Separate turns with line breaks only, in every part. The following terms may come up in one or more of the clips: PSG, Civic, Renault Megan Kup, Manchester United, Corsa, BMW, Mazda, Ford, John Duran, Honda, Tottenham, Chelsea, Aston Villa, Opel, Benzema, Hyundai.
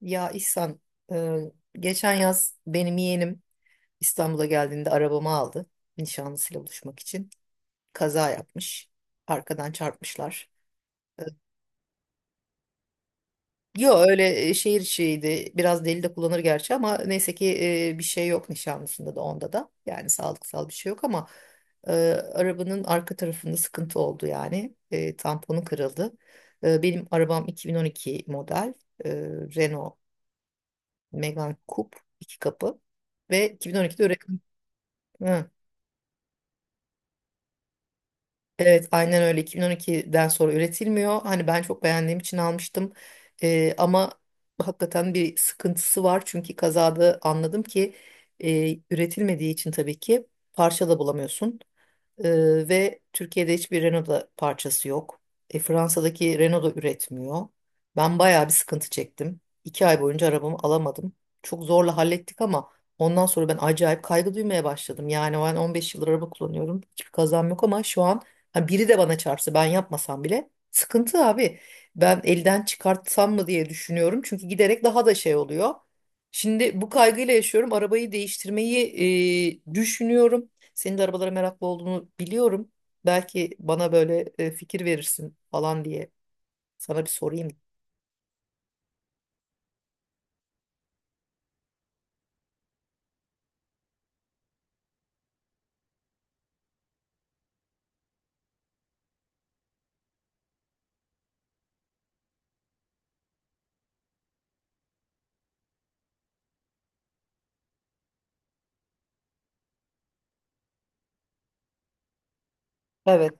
Ya İhsan, e, geçen yaz benim yeğenim İstanbul'a geldiğinde arabamı aldı nişanlısıyla buluşmak için. Kaza yapmış. Arkadan çarpmışlar. E, Yo, öyle, şehir içiydi. Biraz deli de kullanır gerçi ama neyse ki bir şey yok nişanlısında da onda da. Yani sağlıksal bir şey yok ama e, arabanın arka tarafında sıkıntı oldu yani. Tamponu kırıldı. Benim arabam 2012 model. e, Renault Megan Kup, iki kapı ve 2012'de üretim. Hı. Evet, aynen öyle, 2012'den sonra üretilmiyor. Hani ben çok beğendiğim için almıştım. Ama hakikaten bir sıkıntısı var. Çünkü kazada anladım ki, üretilmediği için tabii ki parça da bulamıyorsun. Ve Türkiye'de hiçbir Renault'da parçası yok. Fransa'daki Renault da üretmiyor. Ben bayağı bir sıkıntı çektim. 2 ay boyunca arabamı alamadım. Çok zorla hallettik ama ondan sonra ben acayip kaygı duymaya başladım. Yani ben 15 yıldır araba kullanıyorum. Hiçbir kazam yok ama şu an hani biri de bana çarpsa ben yapmasam bile sıkıntı abi. Ben elden çıkartsam mı diye düşünüyorum. Çünkü giderek daha da şey oluyor. Şimdi bu kaygıyla yaşıyorum. Arabayı değiştirmeyi düşünüyorum. Senin de arabalara meraklı olduğunu biliyorum. Belki bana böyle fikir verirsin falan diye sana bir sorayım. Evet,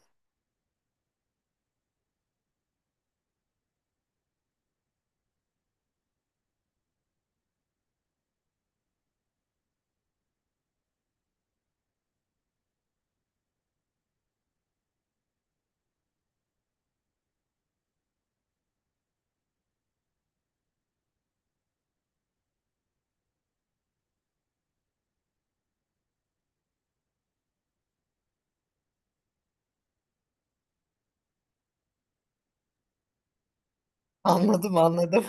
anladım, anladım.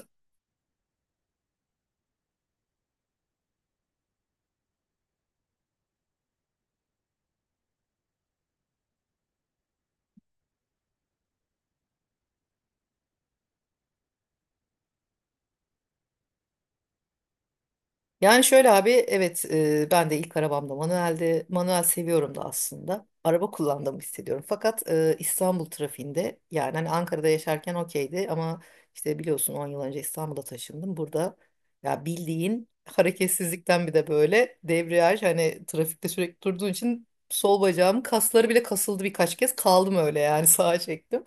Yani şöyle abi, evet, ben de ilk arabamda manueldi. Manuel seviyorum da aslında. Araba kullandığımı hissediyorum. Fakat İstanbul trafiğinde, yani hani Ankara'da yaşarken okeydi ama işte biliyorsun 10 yıl önce İstanbul'a taşındım. Burada ya bildiğin hareketsizlikten bir de böyle debriyaj, hani trafikte sürekli durduğun için sol bacağım kasları bile kasıldı, birkaç kez kaldım öyle yani sağa çektim.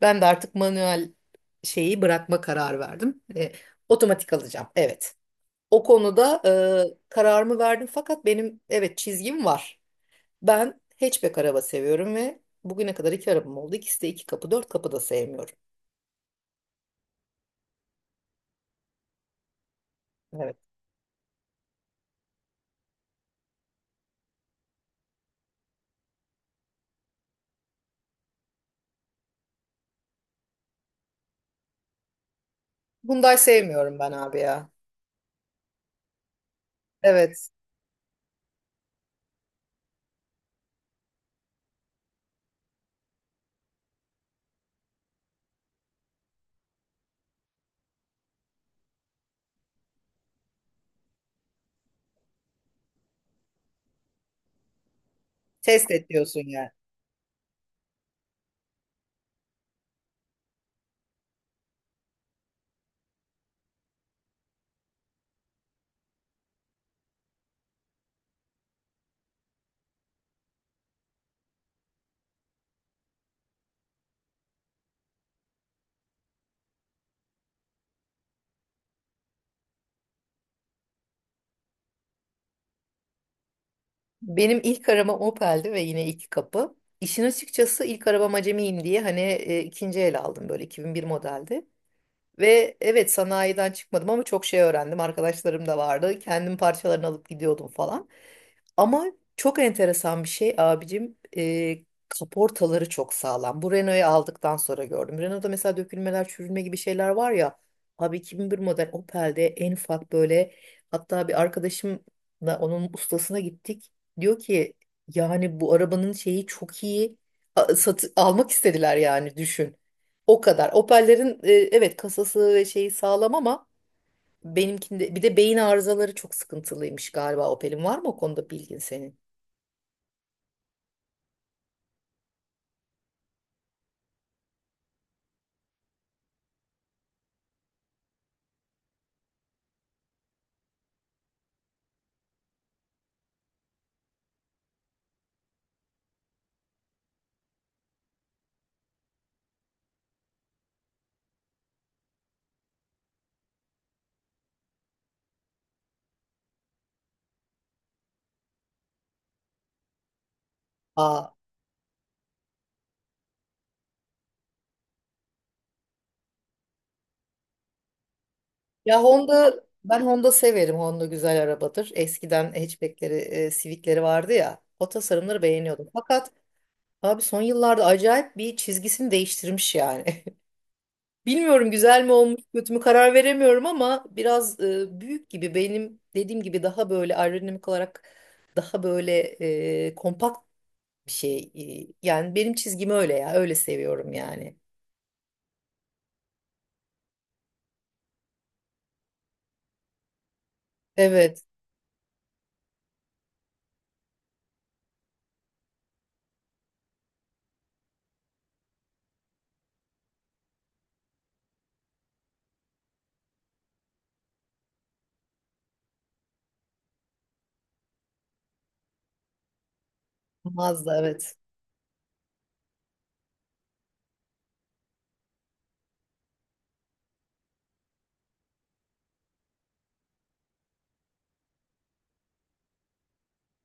Ben de artık manuel şeyi bırakma kararı verdim. Otomatik alacağım, evet. O konuda, kararımı verdim fakat benim, evet, çizgim var. Ben hatchback araba seviyorum ve bugüne kadar iki arabam oldu. İkisi de iki kapı, dört kapı da sevmiyorum. Evet. Hyundai sevmiyorum ben abi ya. Evet. Test et diyorsun yani. Benim ilk arabam Opel'di ve yine iki kapı. İşin açıkçası ilk arabam acemiyim diye hani ikinci el aldım, böyle 2001 modeldi. Ve evet, sanayiden çıkmadım ama çok şey öğrendim. Arkadaşlarım da vardı. Kendim parçalarını alıp gidiyordum falan. Ama çok enteresan bir şey abicim. Kaportaları çok sağlam. Bu Renault'u aldıktan sonra gördüm. Renault'da mesela dökülmeler, çürülme gibi şeyler var ya. Abi, 2001 model Opel'de en ufak böyle, hatta bir arkadaşımla onun ustasına gittik. Diyor ki, yani bu arabanın şeyi çok iyi. Almak istediler, yani düşün. O kadar. Opel'lerin, evet, kasası ve şeyi sağlam ama benimkinde bir de beyin arızaları çok sıkıntılıymış galiba Opel'in. Var mı o konuda bilgin senin? Aa, ya Honda ben Honda severim. Honda güzel arabadır. Eskiden hatchback'leri, Civic'leri vardı ya. O tasarımları beğeniyordum. Fakat abi, son yıllarda acayip bir çizgisini değiştirmiş yani. Bilmiyorum güzel mi olmuş, kötü mü karar veremiyorum ama biraz büyük gibi, benim dediğim gibi daha böyle aerodinamik olarak, daha böyle kompakt bir şey. Yani benim çizgim öyle ya. Öyle seviyorum yani. Evet. Mazda, evet.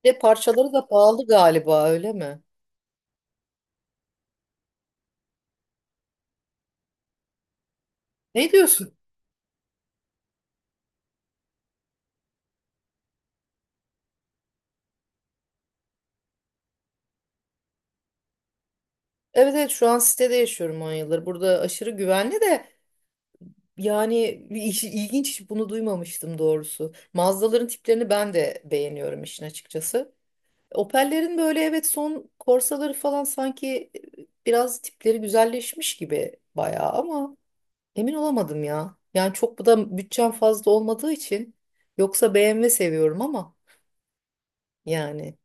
Ve parçaları da pahalı galiba, öyle mi? Ne diyorsun? Evet, evet, şu an sitede yaşıyorum 10 yıldır. Burada aşırı güvenli de, yani ilginç, hiç bunu duymamıştım doğrusu. Mazdaların tiplerini ben de beğeniyorum işin açıkçası. Opel'lerin böyle, evet, son Corsa'ları falan sanki biraz tipleri güzelleşmiş gibi bayağı ama emin olamadım ya. Yani çok, bu da bütçem fazla olmadığı için, yoksa BMW seviyorum ama, yani,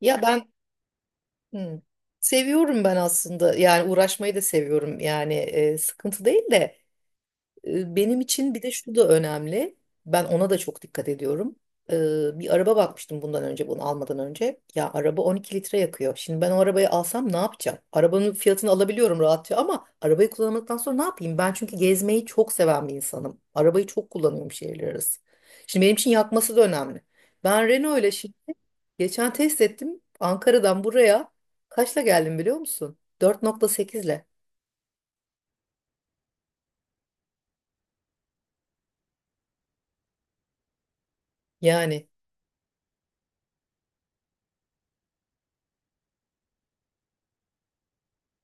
ya ben Hmm. Seviyorum ben aslında, yani uğraşmayı da seviyorum yani, sıkıntı değil de, benim için bir de şu da önemli. Ben ona da çok dikkat ediyorum. Bir araba bakmıştım bundan önce, bunu almadan önce. Ya, araba 12 litre yakıyor. Şimdi ben o arabayı alsam ne yapacağım? Arabanın fiyatını alabiliyorum rahatça ama arabayı kullanmadıktan sonra ne yapayım? Ben çünkü gezmeyi çok seven bir insanım. Arabayı çok kullanıyorum şehirler arası. Şimdi benim için yakması da önemli. Ben Renault ile şimdi geçen test ettim. Ankara'dan buraya kaçla geldim biliyor musun? 4.8 ile. Yani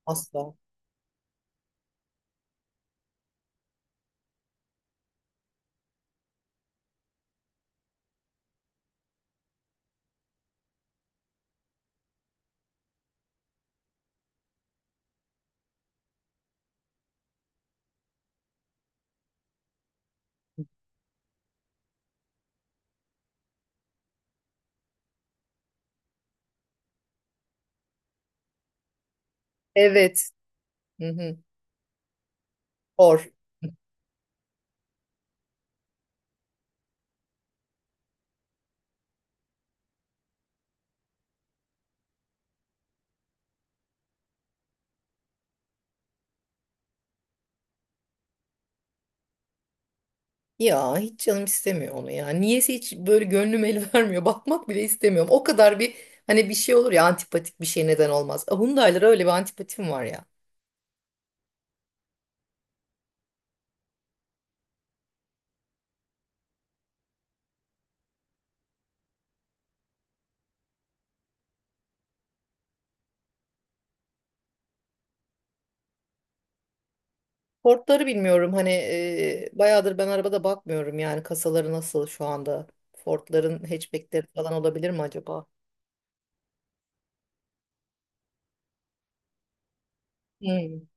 asla. Evet. Hı hı. Or. Ya, hiç canım istemiyor onu ya. Niyeyse hiç böyle gönlüm el vermiyor. Bakmak bile istemiyorum. O kadar bir, hani bir şey olur ya antipatik bir şey, neden olmaz. Hyundai'lara öyle bir antipatim var ya. Ford'ları bilmiyorum hani, bayağıdır ben arabada bakmıyorum yani, kasaları nasıl şu anda. Ford'ların hatchback'leri falan olabilir mi acaba? Hmm,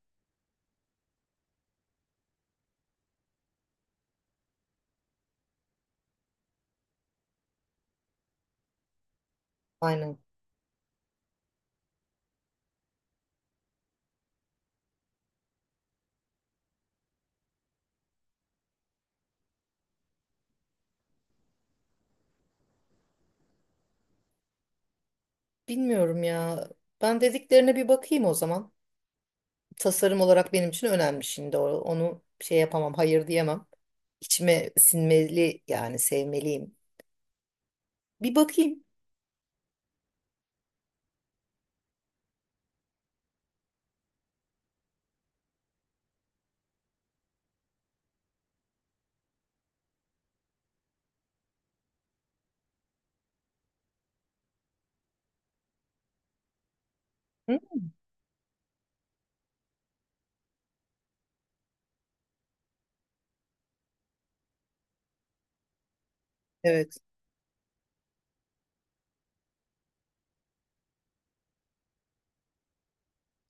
aynen. Bilmiyorum ya. Ben dediklerine bir bakayım o zaman. Tasarım olarak benim için önemli şimdi. Onu şey yapamam, hayır diyemem. İçime sinmeli, yani sevmeliyim. Bir bakayım. Hı? Evet.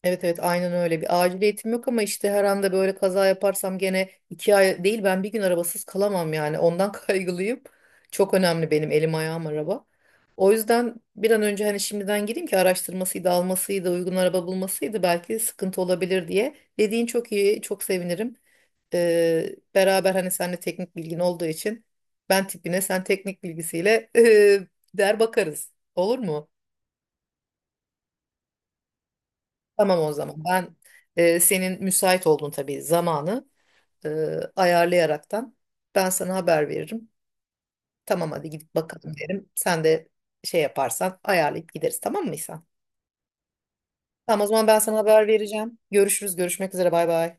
Evet, evet, aynen öyle, bir aciliyetim yok ama işte her anda böyle kaza yaparsam gene 2 ay değil, ben bir gün arabasız kalamam yani, ondan kaygılıyım. Çok önemli, benim elim ayağım araba. O yüzden bir an önce hani şimdiden gireyim ki, araştırmasıydı, almasıydı, uygun araba bulmasıydı belki sıkıntı olabilir diye. Dediğin çok iyi, çok sevinirim. Beraber hani seninle teknik bilgin olduğu için ben tipine, sen teknik bilgisiyle der bakarız, olur mu? Tamam, o zaman. Ben senin müsait olduğun tabii zamanı e, ayarlayaraktan ben sana haber veririm. Tamam, hadi gidip bakalım derim. Sen de şey yaparsan ayarlayıp gideriz, tamam mı, mıysan? Tamam, o zaman ben sana haber vereceğim. Görüşürüz. Görüşmek üzere. Bay bay.